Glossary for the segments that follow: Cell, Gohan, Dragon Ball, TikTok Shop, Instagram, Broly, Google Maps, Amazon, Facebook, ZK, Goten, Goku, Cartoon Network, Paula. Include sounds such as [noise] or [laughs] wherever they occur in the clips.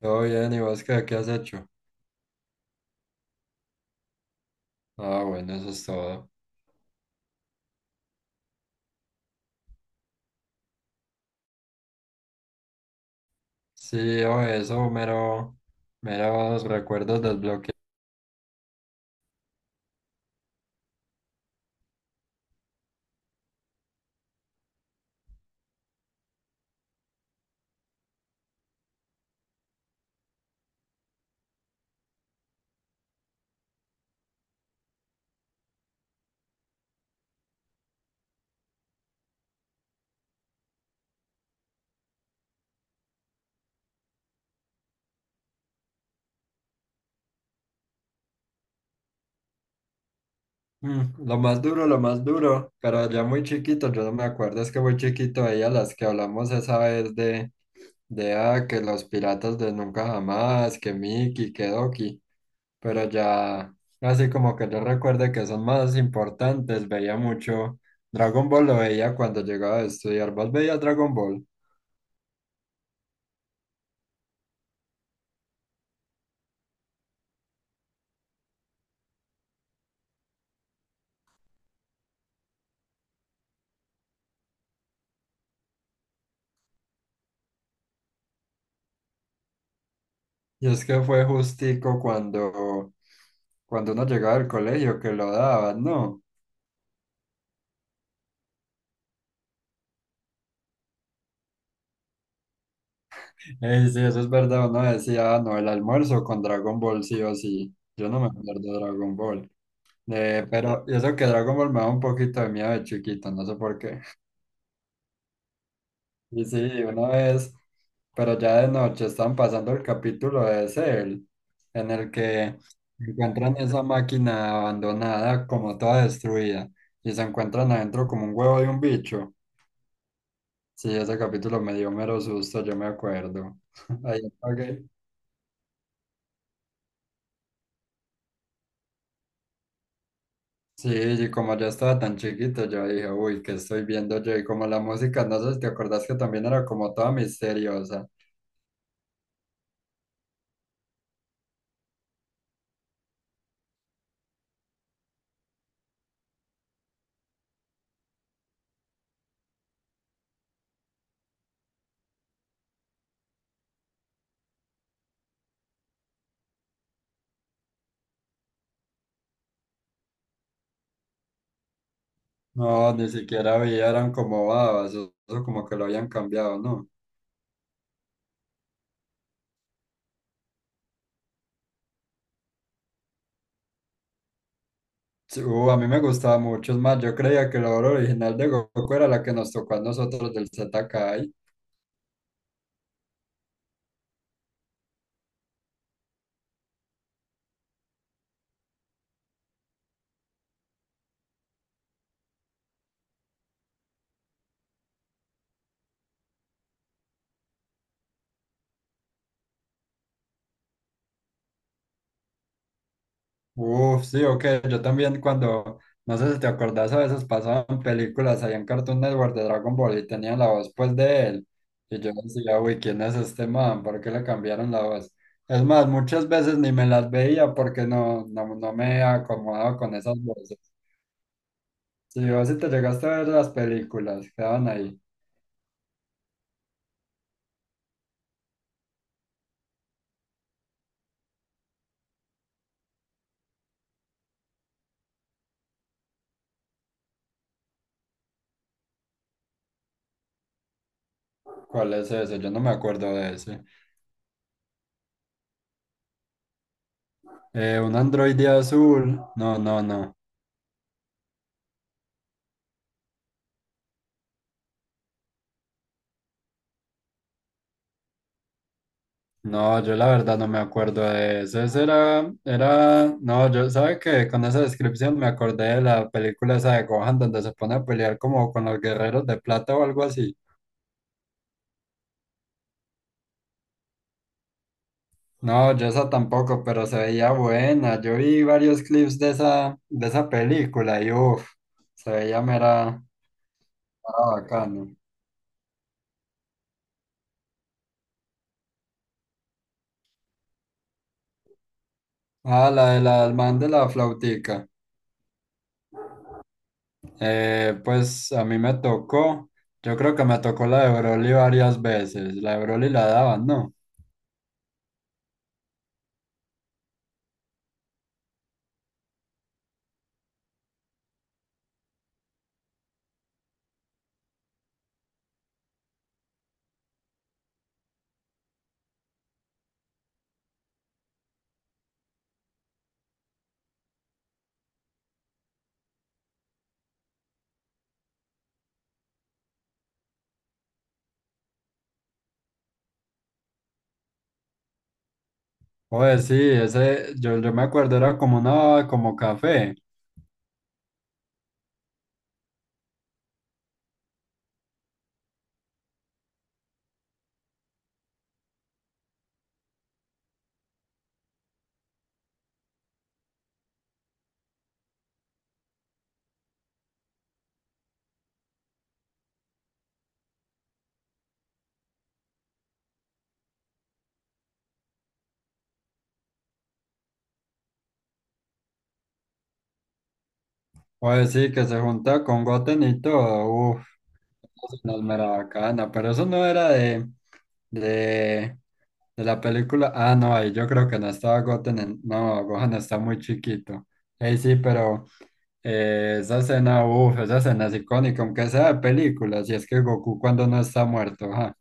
Todo bien, ¿y vos qué, has hecho? Ah, bueno, eso es todo. Sí, o eso, mero, meros recuerdos del bloque. Mm, lo más duro, pero ya muy chiquito, yo no me acuerdo, es que muy chiquito veía las que hablamos esa vez de que los piratas de Nunca Jamás, que Mickey, que Doki, pero ya, así como que yo recuerde que son más importantes, veía mucho Dragon Ball, lo veía cuando llegaba a estudiar. ¿Vos veías Dragon Ball? Y es que fue justico cuando uno llegaba del colegio que lo daban, ¿no? Ey, sí, eso es verdad, uno decía, "Ah, no, el almuerzo con Dragon Ball sí o sí". Yo no me acuerdo de Dragon Ball. Pero y eso que Dragon Ball me da un poquito de miedo de chiquito, no sé por qué. Y sí, una vez, pero ya de noche están pasando el capítulo de Cell, en el que encuentran esa máquina abandonada como toda destruida y se encuentran adentro como un huevo de un bicho. Sí, ese capítulo me dio mero susto, yo me acuerdo. [laughs] Ahí apagué. Sí, y como yo estaba tan chiquito, yo dije, uy, ¿qué estoy viendo yo? Y como la música, no sé si te acordás que también era como toda misteriosa. No, ni siquiera había, eran como babas, eso como que lo habían cambiado, ¿no? Sí, a mí me gustaba mucho, es más, yo creía que la obra original de Goku era la que nos tocó a nosotros del ZK. Uf, sí, ok. Yo también no sé si te acordás, a veces pasaban películas ahí en Cartoon Network de Dragon Ball y tenían la voz pues de él. Y yo decía, uy, ¿quién es este man? ¿Por qué le cambiaron la voz? Es más, muchas veces ni me las veía porque no me acomodaba con esas voces. Si vos sí te llegaste a ver las películas, quedaban ahí. ¿Cuál es ese? Yo no me acuerdo de ese. Un androide azul. No, no, no. No, yo la verdad no me acuerdo de eso. Eso era, era, no, yo, ¿Sabe que con esa descripción me acordé de la película esa de Gohan donde se pone a pelear como con los guerreros de plata o algo así? No, yo esa tampoco, pero se veía buena. Yo vi varios clips de de esa película y uff, se veía mera, mera bacano. Ah, la el man de la flautica. Pues a mí me tocó, yo creo que me tocó la de Broly varias veces. La de Broly la daban, ¿no? Oye, sí, ese, yo me acuerdo, era como una, como café. Oye, sí, que se junta con Goten y todo. Uf, es una mera bacana. Pero eso no era de, de la película. Ah, no, ahí yo creo que no estaba Goten. No, Gohan está muy chiquito. Ey, sí, pero esa escena, uf, esa escena es icónica, aunque sea de película. Si es que Goku cuando no está muerto, ajá.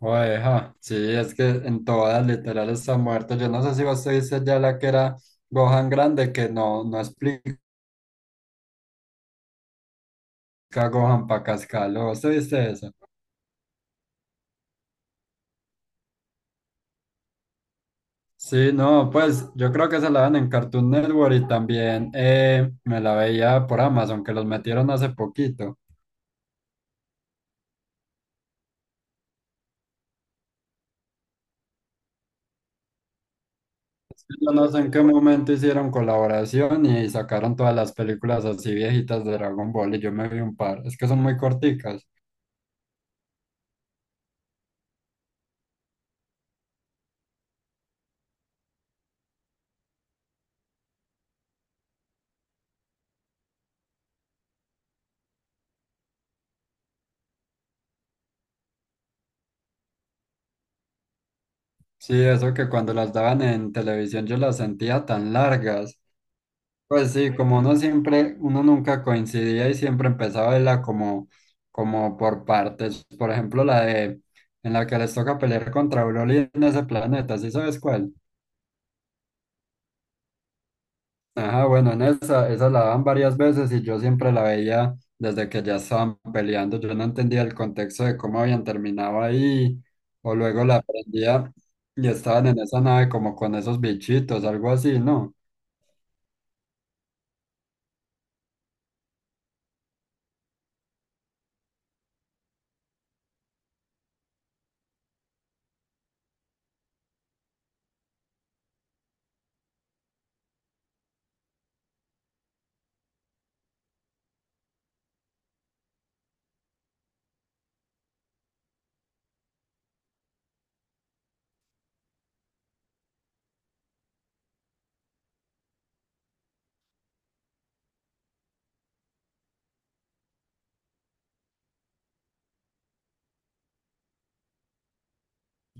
Oeja, sí, es que en todas literal está muerto. Yo no sé si vos te viste ya la que era Gohan grande, que no, no explica Gohan pa' cascarlo. ¿Vos te viste eso? Sí, no, pues yo creo que se la dan en Cartoon Network y también me la veía por Amazon, que los metieron hace poquito. Sí, yo no sé en qué momento hicieron colaboración y sacaron todas las películas así viejitas de Dragon Ball y yo me vi un par. Es que son muy corticas. Sí, eso que cuando las daban en televisión yo las sentía tan largas. Pues sí, como uno siempre, uno nunca coincidía y siempre empezaba a verla como por partes. Por ejemplo, la de en la que les toca pelear contra Broly en ese planeta, ¿sí sabes cuál? Ajá, bueno, en esa la daban varias veces y yo siempre la veía desde que ya estaban peleando. Yo no entendía el contexto de cómo habían terminado ahí, o luego la aprendía y estaban en esa nave como con esos bichitos, algo así, ¿no?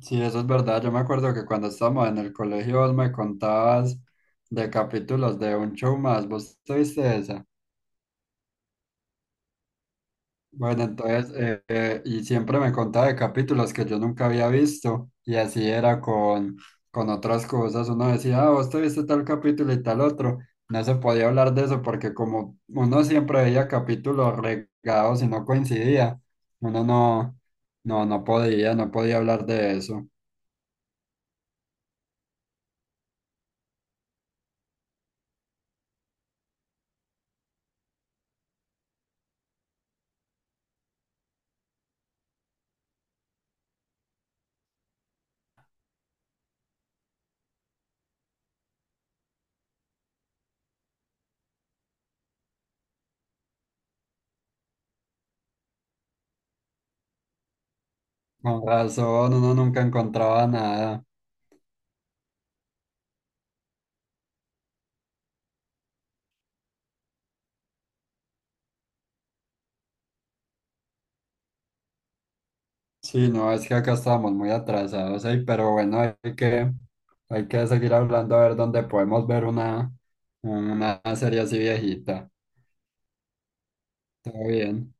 Sí, eso es verdad. Yo me acuerdo que cuando estábamos en el colegio vos me contabas de capítulos de un show más. ¿Vos te viste esa? Bueno, entonces, y siempre me contaba de capítulos que yo nunca había visto. Y así era con otras cosas. Uno decía, ah, vos te viste tal capítulo y tal otro. No se podía hablar de eso porque como uno siempre veía capítulos regados y no coincidía, uno no, no, no podía, no podía hablar de eso. Con razón, uno nunca encontraba nada. Sí, no, es que acá estamos muy atrasados, ey, pero bueno, hay que seguir hablando a ver dónde podemos ver una serie así viejita. Todo bien.